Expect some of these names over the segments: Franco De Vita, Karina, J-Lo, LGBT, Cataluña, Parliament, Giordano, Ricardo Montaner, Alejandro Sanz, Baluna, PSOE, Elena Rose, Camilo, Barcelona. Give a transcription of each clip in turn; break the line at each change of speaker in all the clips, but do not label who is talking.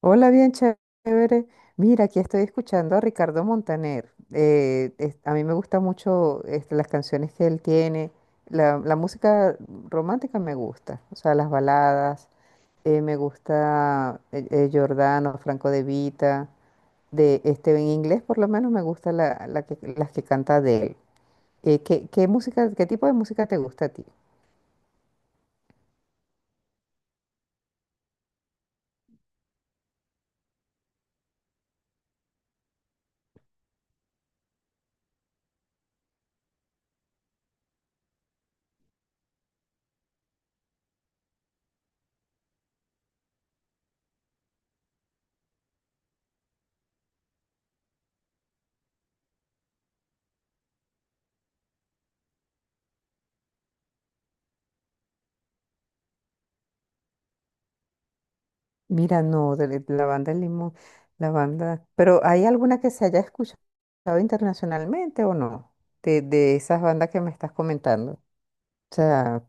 Hola, bien chévere. Mira, aquí estoy escuchando a Ricardo Montaner. A mí me gustan mucho las canciones que él tiene. La música romántica me gusta, o sea, las baladas. Me gusta Giordano, Franco De Vita. En inglés, por lo menos, me gusta las que canta de él. ¿Qué música, qué tipo de música te gusta a ti? Mira, no, de la banda del Limón, la banda, pero ¿hay alguna que se haya escuchado internacionalmente o no? De esas bandas que me estás comentando. O sea,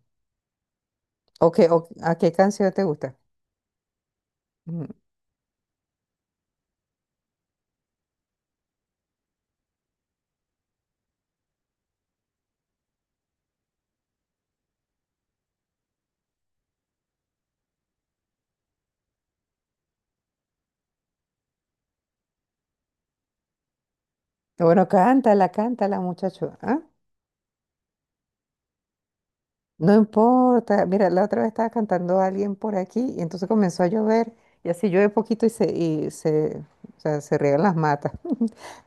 ¿a qué canción te gusta? Mm. Bueno, cántala, cántala, muchacho. ¿Ah? No importa. Mira, la otra vez estaba cantando a alguien por aquí y entonces comenzó a llover y así llueve poquito y se riegan las matas.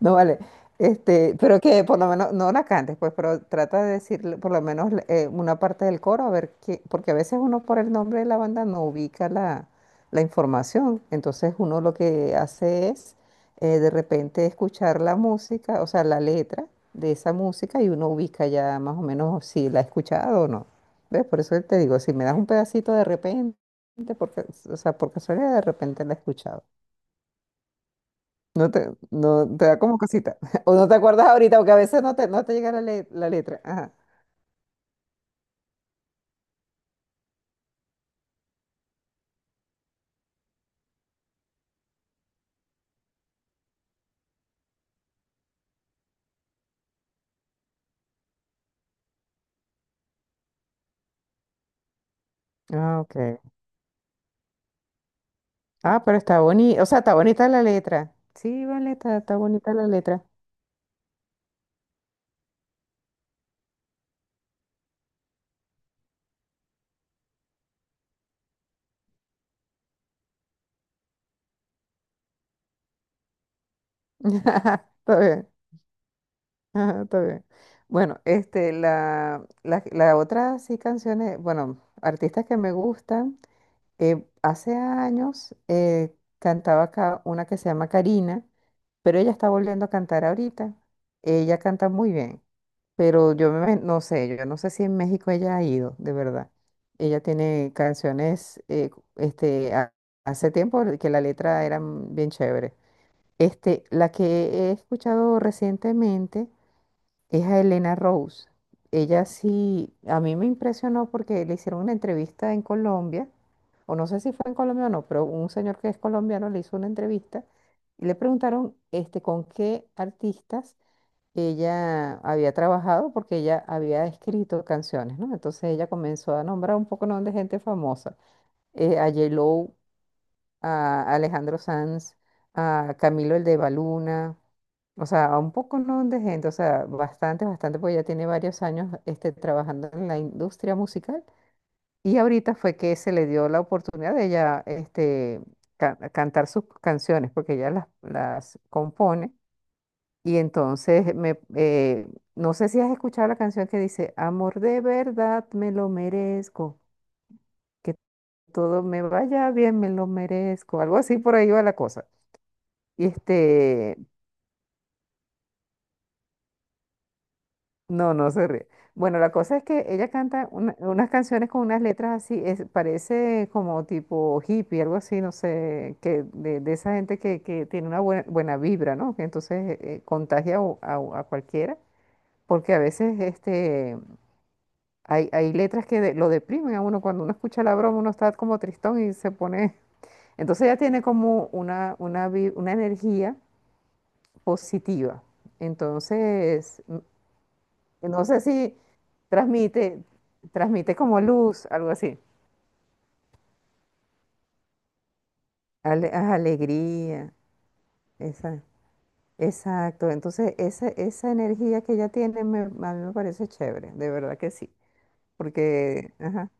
No vale. Pero que por lo menos, no la cantes, pues, pero trata de decir por lo menos una parte del coro, a ver qué, porque a veces uno por el nombre de la banda no ubica la información. Entonces uno lo que hace es de repente escuchar la música, o sea, la letra de esa música y uno ubica ya más o menos si la ha escuchado o no. ¿Ves? Por eso te digo, si me das un pedacito de repente, porque, o sea, por casualidad de repente la he escuchado. No te da como cosita. O no te acuerdas ahorita, porque a veces no te llega la letra. Ajá. Ah, ok. Ah, pero está bonita. O sea, está bonita la letra. Sí, vale, está bonita la letra. Está bien. Ajá, está bien. Bueno, la otra sí canciones, bueno, artistas que me gustan. Hace años cantaba acá una que se llama Karina, pero ella está volviendo a cantar ahorita. Ella canta muy bien. Pero no sé, yo no sé si en México ella ha ido, de verdad. Ella tiene canciones, hace tiempo que la letra era bien chévere. La que he escuchado recientemente es a Elena Rose. Ella sí, a mí me impresionó porque le hicieron una entrevista en Colombia, o no sé si fue en Colombia o no, pero un señor que es colombiano le hizo una entrevista y le preguntaron, este, con qué artistas ella había trabajado porque ella había escrito canciones, ¿no? Entonces ella comenzó a nombrar un poco, ¿no?, de gente famosa, a J-Lo, a Alejandro Sanz, a Camilo el de Baluna, o sea, a un poco, ¿no?, de gente, o sea, bastante, bastante, porque ella tiene varios años trabajando en la industria musical y ahorita fue que se le dio la oportunidad de ella cantar sus canciones, porque ella las compone y entonces no sé si has escuchado la canción que dice, amor de verdad me lo merezco, que todo me vaya bien me lo merezco, algo así por ahí va la cosa. Y no, no se ríe. Bueno, la cosa es que ella canta unas canciones con unas letras así, es, parece como tipo hippie, algo así, no sé, que de esa gente que tiene una buena vibra, ¿no? Que entonces contagia a cualquiera porque a veces hay letras que lo deprimen a uno. Cuando uno escucha la broma, uno está como tristón y se pone... Entonces ya tiene como una energía positiva. Entonces, n- no sé si transmite, transmite como luz, algo así. Alegría, esa, exacto. Entonces, esa energía que ella tiene a mí me parece chévere, de verdad que sí. Porque, ajá.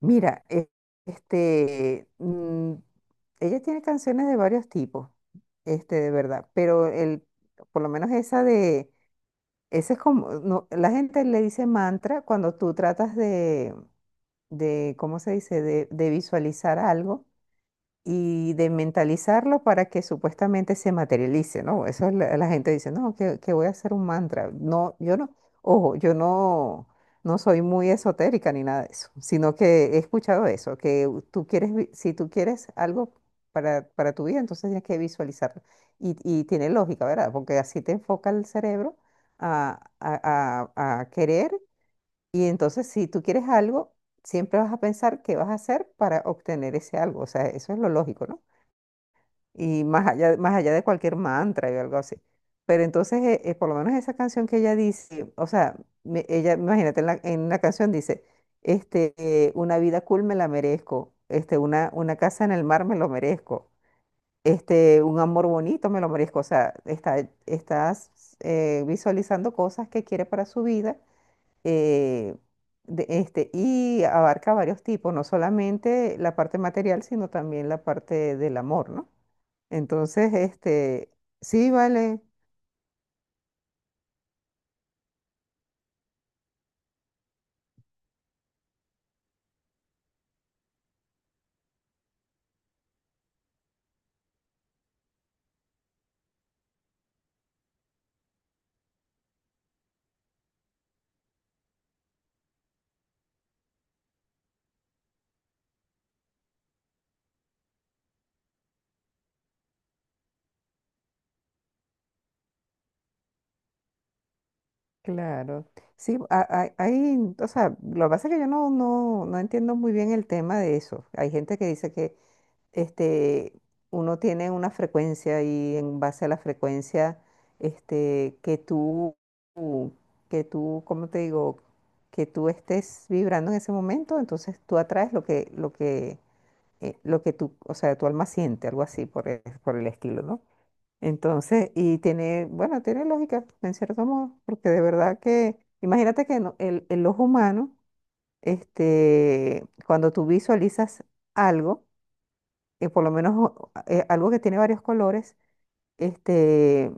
Mira, e- este, mm, Ella tiene canciones de varios tipos, de verdad, por lo menos esa es como, no, la gente le dice mantra cuando tú tratas ¿cómo se dice?, de visualizar algo y de mentalizarlo para que supuestamente se materialice, ¿no? Eso es la gente dice, no, que voy a hacer un mantra. No, yo no, Ojo, yo no, no soy muy esotérica ni nada de eso, sino que he escuchado eso, que tú quieres, si tú quieres algo para tu vida, entonces tienes que visualizarlo. Y tiene lógica, ¿verdad? Porque así te enfoca el cerebro a querer y entonces si tú quieres algo, siempre vas a pensar qué vas a hacer para obtener ese algo. O sea, eso es lo lógico, ¿no? Y más allá de cualquier mantra y algo así. Pero entonces, por lo menos esa canción que ella dice, o sea, imagínate, en la canción dice, una vida cool me la merezco, este, una casa en el mar me lo merezco, este, un amor bonito me lo merezco, o sea, estás visualizando cosas que quiere para su vida, eh, y abarca varios tipos, no solamente la parte material, sino también la parte del amor, ¿no? Entonces, este, sí, vale, claro. Sí, hay, o sea, lo que pasa es que yo no entiendo muy bien el tema de eso. Hay gente que dice que este, uno tiene una frecuencia y en base a la frecuencia este, que tú, que tú, ¿cómo te digo? Que tú estés vibrando en ese momento, entonces tú atraes lo que tú, o sea, tu alma siente, algo así por por el estilo, ¿no? Entonces, y tiene, bueno, tiene lógica, en cierto modo, porque de verdad que, imagínate que el ojo humano, cuando tú visualizas algo, por lo menos algo que tiene varios colores, este,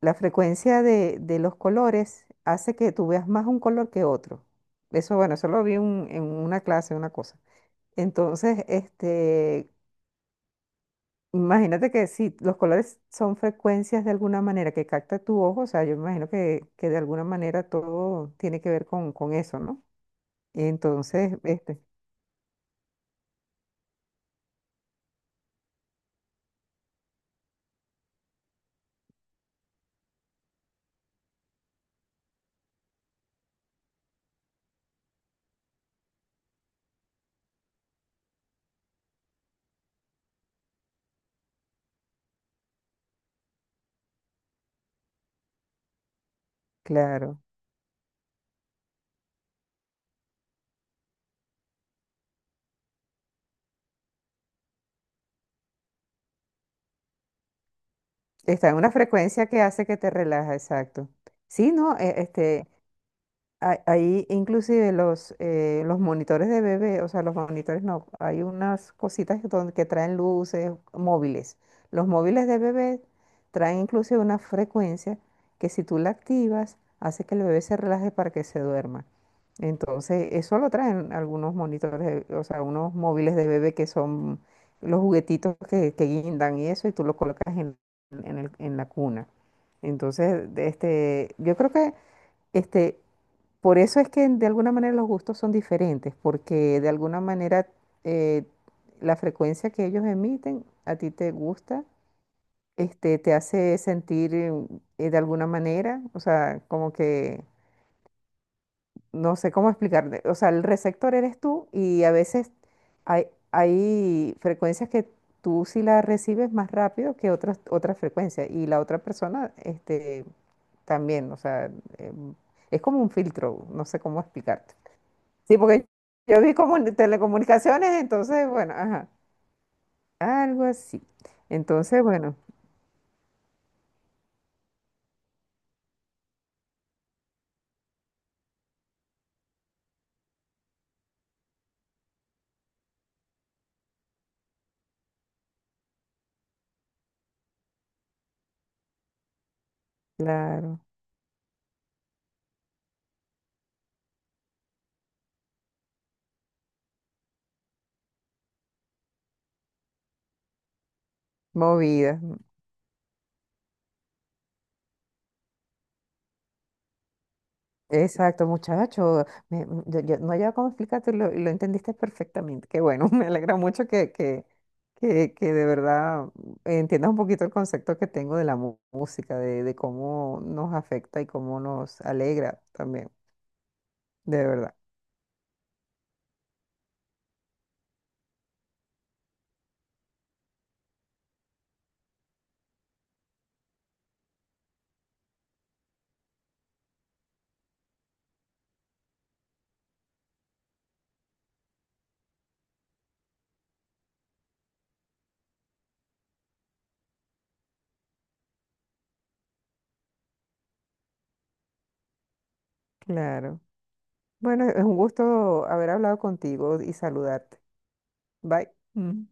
la frecuencia de los colores hace que tú veas más un color que otro. Eso, bueno, eso lo vi en una clase, una cosa. Entonces, este, imagínate que si los colores son frecuencias de alguna manera que capta tu ojo, o sea, yo me imagino que de alguna manera todo tiene que ver con eso, ¿no? Entonces, este, claro, está en una frecuencia que hace que te relaja, exacto. Sí, no, E- este, Hay- Ahí inclusive los monitores de bebé, o sea, los monitores no, hay unas cositas que, que traen luces móviles. Los móviles de bebé traen inclusive una frecuencia que si tú la activas, hace que el bebé se relaje para que se duerma. Entonces, eso lo traen algunos monitores, o sea, unos móviles de bebé que son los juguetitos que guindan y eso, y tú lo colocas en la cuna. Entonces, yo creo que... Este, por eso es que de alguna manera los gustos son diferentes, porque de alguna manera eh, la frecuencia que ellos emiten a ti te gusta, te hace sentir de alguna manera, o sea, como que no sé cómo explicarte, o sea, el receptor eres tú y a veces hay frecuencias que tú sí las recibes más rápido que otras otras frecuencias y la otra persona también, o sea, em, es como un filtro, no sé cómo explicarte. Sí, porque yo vi como en telecomunicaciones, entonces, bueno, ajá, algo así. Entonces, bueno, claro, movida. Exacto, muchacho. Yo no había cómo explicártelo y lo entendiste perfectamente. Qué bueno, me alegra mucho que de verdad, mm, entiendas un poquito el concepto que tengo de la música, de cómo nos afecta y cómo nos alegra también, de verdad. Claro. Bueno, es un gusto haber hablado contigo y saludarte. Bye. Mm.